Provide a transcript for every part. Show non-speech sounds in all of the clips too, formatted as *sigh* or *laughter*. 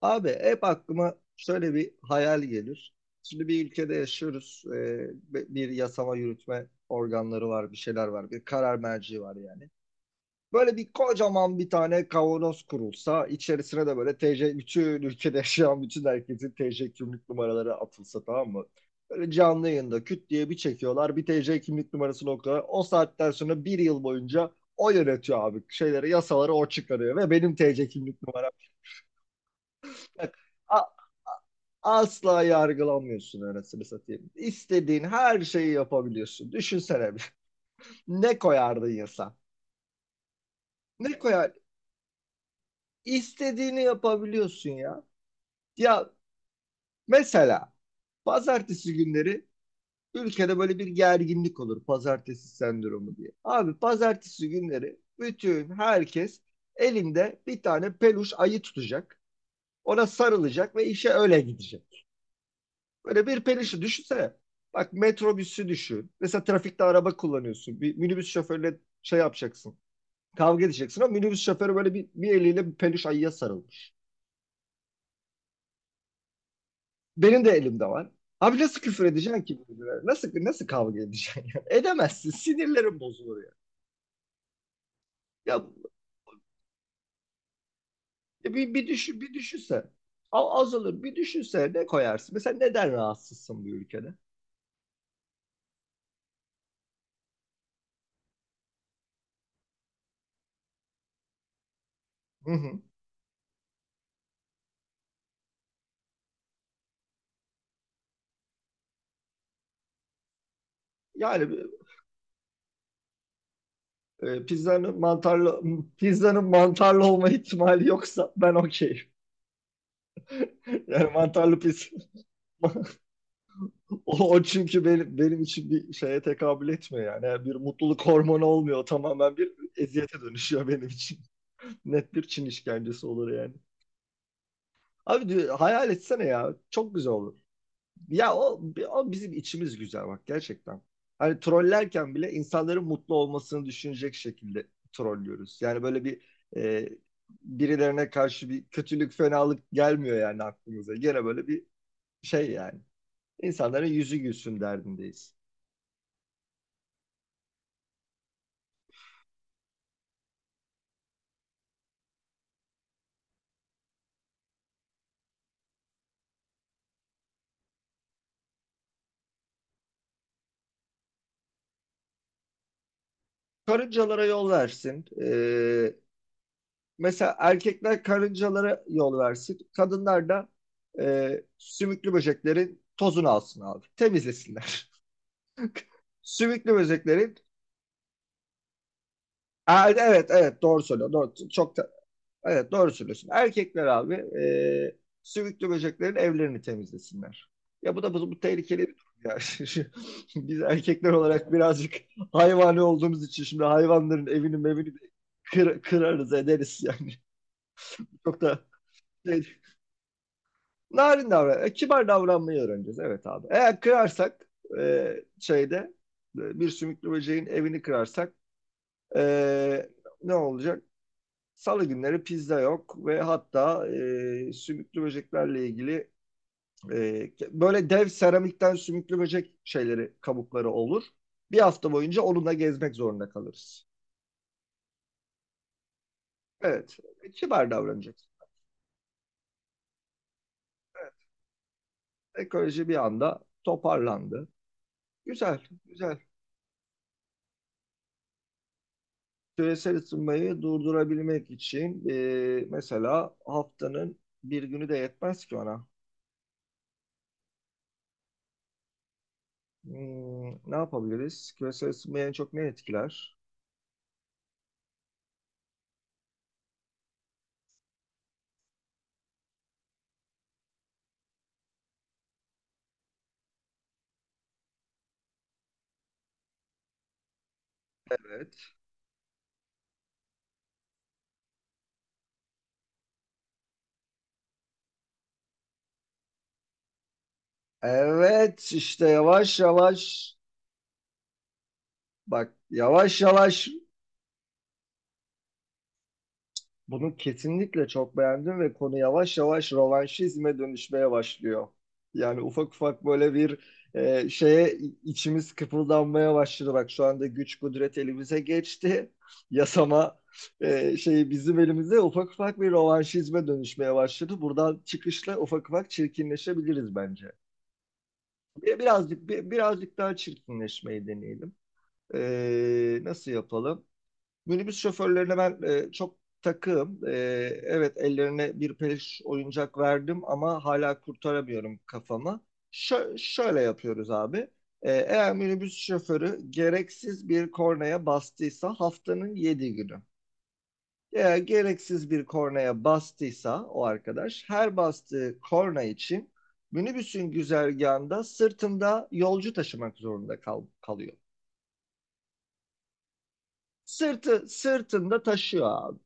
Abi hep aklıma şöyle bir hayal gelir. Şimdi bir ülkede yaşıyoruz. Bir yasama yürütme organları var, bir şeyler var, bir karar merci var yani. Böyle bir kocaman bir tane kavanoz kurulsa, içerisine de böyle TC, bütün ülkede yaşayan bütün herkesin TC kimlik numaraları atılsa tamam mı? Böyle canlı yayında küt diye bir çekiyorlar, bir TC kimlik numarasını okuyorlar. O saatten sonra bir yıl boyunca o yönetiyor abi. Şeyleri, yasaları o çıkarıyor ve benim TC kimlik numaram. Asla yargılanmıyorsun anasını satayım. İstediğin her şeyi yapabiliyorsun. Düşünsene bir. *laughs* Ne koyardın ya sen? Ne koyar? İstediğini yapabiliyorsun ya. Ya mesela pazartesi günleri ülkede böyle bir gerginlik olur. Pazartesi sendromu diye. Abi pazartesi günleri bütün herkes elinde bir tane peluş ayı tutacak. Ona sarılacak ve işe öyle gidecek. Böyle bir perişi düşünsene. Bak metrobüsü düşün. Mesela trafikte araba kullanıyorsun. Bir minibüs şoförüyle şey yapacaksın. Kavga edeceksin ama minibüs şoförü böyle bir eliyle bir peluş ayıya sarılmış. Benim de elimde var. Abi nasıl küfür edeceksin ki birbirine? Nasıl kavga edeceksin yani? *laughs* Edemezsin. Sinirlerim bozulur ya. Ya bir düşün, bir düşünse. Azalır. Bir düşünse ne koyarsın? Mesela neden rahatsızsın bu ülkede? Hı hı. Yani Ee, pizzanın mantarlı pizzanın mantarlı olma ihtimali yoksa ben okeyim. *laughs* Yani mantarlı pizza. *laughs* O çünkü benim için bir şeye tekabül etmiyor yani. Yani bir mutluluk hormonu olmuyor. Tamamen bir eziyete dönüşüyor benim için. *laughs* Net bir Çin işkencesi olur yani. Abi diyor, hayal etsene ya. Çok güzel olur. Ya o, o bizim içimiz güzel bak gerçekten. Hani trollerken bile insanların mutlu olmasını düşünecek şekilde trollüyoruz. E, Birilerine karşı bir kötülük, fenalık gelmiyor yani aklımıza. Gene böyle bir şey yani. İnsanların yüzü gülsün derdindeyiz. Karıncalara yol versin. Mesela erkekler karıncalara yol versin. Kadınlar da sümüklü böceklerin tozunu alsın abi. Temizlesinler. *laughs* Sümüklü böceklerin. Aa, evet, evet, doğru söylüyorsun. Evet, doğru söylüyorsun. Erkekler abi e, sümüklü böceklerin evlerini temizlesinler. Ya bu da bu tehlikeli bir durum ya. *laughs* Biz erkekler olarak birazcık hayvani olduğumuz için şimdi hayvanların evini mevini de kırarız ederiz yani. *laughs* Çok da şey, narin davran, e, Kibar davranmayı öğreneceğiz. Evet abi. Eğer kırarsak e, şeyde bir sümüklü böceğin evini kırarsak e, ne olacak? Salı günleri pizza yok ve hatta sümüklü böceklerle ilgili böyle dev seramikten sümüklü böcek şeyleri, kabukları olur. Bir hafta boyunca onunla gezmek zorunda kalırız. Evet, kibar davranacağız. Ekoloji bir anda toparlandı. Güzel, güzel. Küresel ısınmayı durdurabilmek için mesela haftanın bir günü de yetmez ki ona. Hmm, ne yapabiliriz? Küresel ısınmayı en çok ne etkiler? Evet. Evet işte yavaş yavaş, bak yavaş yavaş bunu kesinlikle çok beğendim ve konu yavaş yavaş rövanşizme dönüşmeye başlıyor. Yani ufak ufak böyle bir e, şeye i- içimiz kıpıldanmaya başladı. Bak şu anda güç kudret elimize geçti. *laughs* Yasama Şeyi bizim elimize ufak ufak bir rövanşizme dönüşmeye başladı. Buradan çıkışla ufak ufak çirkinleşebiliriz bence. Birazcık daha çirkinleşmeyi deneyelim. Nasıl yapalım? Minibüs şoförlerine ben çok takığım. Evet, ellerine bir peluş oyuncak verdim ama hala kurtaramıyorum kafamı. Şöyle yapıyoruz abi. Eğer minibüs şoförü gereksiz bir kornaya bastıysa haftanın 7 günü. Eğer gereksiz bir kornaya bastıysa o arkadaş her bastığı korna için minibüsün güzergahında sırtında yolcu taşımak zorunda kalıyor. Sırtı sırtında taşıyor abi.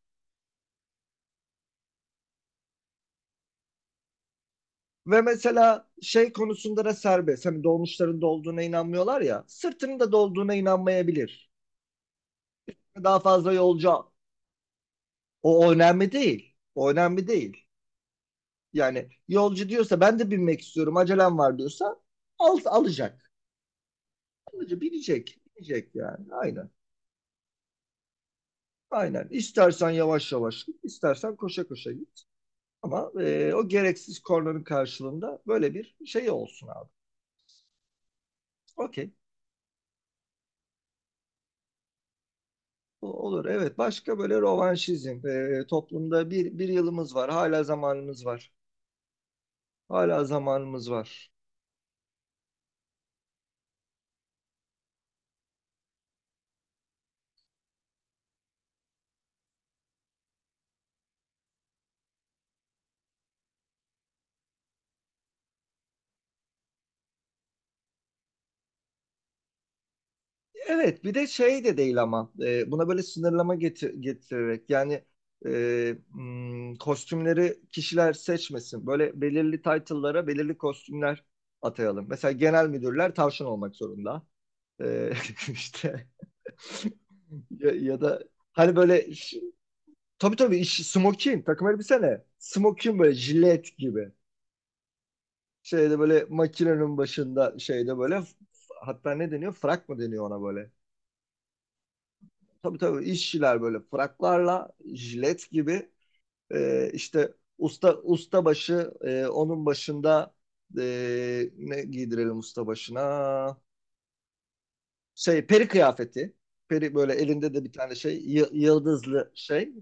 Ve mesela şey konusunda da serbest. Hani dolmuşların dolduğuna inanmıyorlar ya. Sırtının da dolduğuna inanmayabilir. Daha fazla yolcu. O önemli değil. O önemli değil. Yani yolcu diyorsa ben de binmek istiyorum acelem var diyorsa alacak. Alıcı binecek. Binecek yani. Aynen. Aynen. İstersen yavaş yavaş git, istersen koşa koşa git. Ama o gereksiz kornanın karşılığında böyle bir şey olsun abi. Okey. Olur, evet, başka böyle rövanşizm. Toplumda bir yılımız var, hala zamanımız var, hala zamanımız var. Evet, bir de şey de değil ama buna böyle sınırlama getirerek yani, kostümleri kişiler seçmesin, böyle belirli title'lara belirli kostümler atayalım. Mesela genel müdürler tavşan olmak zorunda. Ee, *laughs* işte ya, ya da hani böyle ş- tabii tabii iş, smoking takım elbise ne? Smoking böyle jilet gibi. Şeyde böyle makinenin başında şeyde böyle Hatta ne deniyor? Frak mı deniyor ona böyle? Tabii tabii işçiler böyle fraklarla jilet gibi, işte usta usta başı, onun başında, ne giydirelim usta başına? Şey, peri kıyafeti. Peri böyle elinde de bir tane şey yıldızlı şey.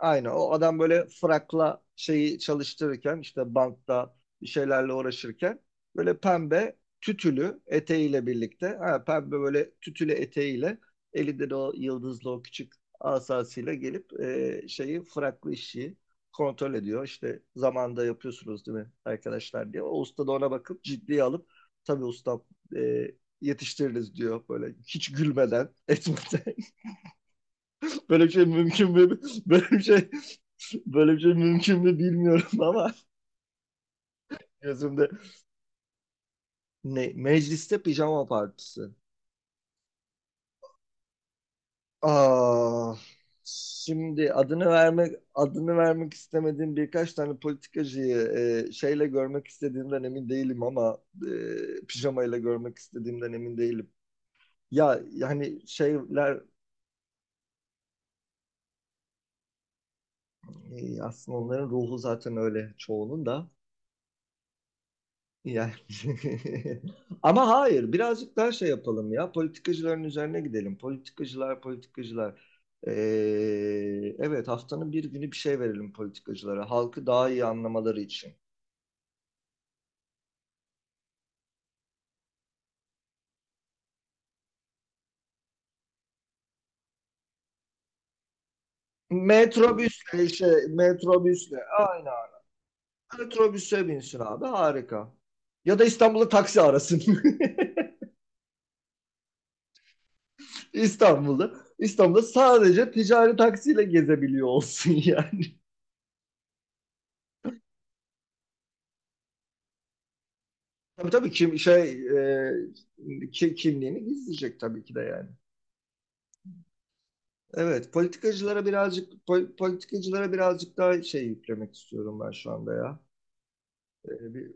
Aynı o adam böyle frakla şeyi çalıştırırken işte bantta bir şeylerle uğraşırken böyle pembe tütülü eteğiyle birlikte, ha, pembe böyle tütülü eteğiyle elinde de o yıldızlı o küçük asasıyla gelip şeyi fraklı işi kontrol ediyor. İşte zamanda yapıyorsunuz değil mi arkadaşlar diye. O usta da ona bakıp ciddiye alıp tabii usta e, yetiştiririz diyor böyle hiç gülmeden etmeden. *laughs* Böyle bir şey mümkün mü? Böyle bir şey Böyle bir şey mümkün mü bilmiyorum ama *laughs* gözümde, ne mecliste pijama partisi. Aa, şimdi adını vermek adını vermek istemediğim birkaç tane politikacıyı şeyle görmek istediğimden emin değilim ama pijamayla görmek istediğimden emin değilim. Ya yani şeyler Aslında onların ruhu zaten öyle çoğunun da. Yani... *laughs* Ama hayır, birazcık daha şey yapalım ya. Politikacıların üzerine gidelim. Politikacılar, politikacılar. Ee, evet, haftanın bir günü bir şey verelim politikacılara. Halkı daha iyi anlamaları için. Metrobüsle işte, metrobüsle. Aynen. Metrobüse binsin abi, harika. Ya da İstanbul'a taksi arasın. *laughs* İstanbul'da. İstanbul'da sadece ticari taksiyle gezebiliyor olsun ya. Tabii tabii kimliğini gizleyecek tabii ki de yani. Evet, politikacılara birazcık daha şey yüklemek istiyorum ben şu anda ya. E, bir,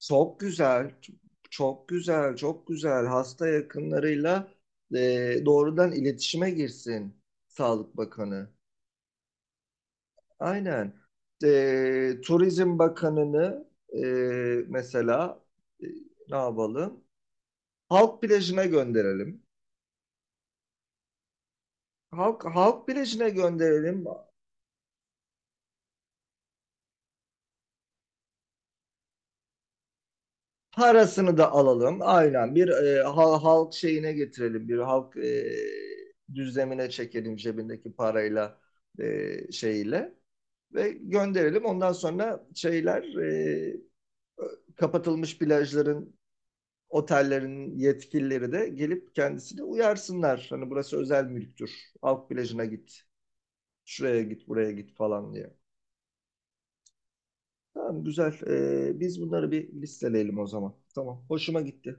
Çok güzel, çok güzel, çok güzel, hasta yakınlarıyla doğrudan iletişime girsin Sağlık Bakanı. Aynen. Turizm Bakanını e, mesela e, ne yapalım? Halk plajına gönderelim. Halk bilecine gönderelim. Parasını da alalım. Aynen bir halk şeyine getirelim. Bir halk düzlemine çekelim, cebindeki parayla e, şeyle ve gönderelim. Ondan sonra kapatılmış plajların, otellerin yetkilileri de gelip kendisini uyarsınlar. Hani burası özel mülktür. Halk plajına git. Şuraya git, buraya git falan diye. Tamam, güzel. Biz bunları bir listeleyelim o zaman. Tamam. Hoşuma gitti.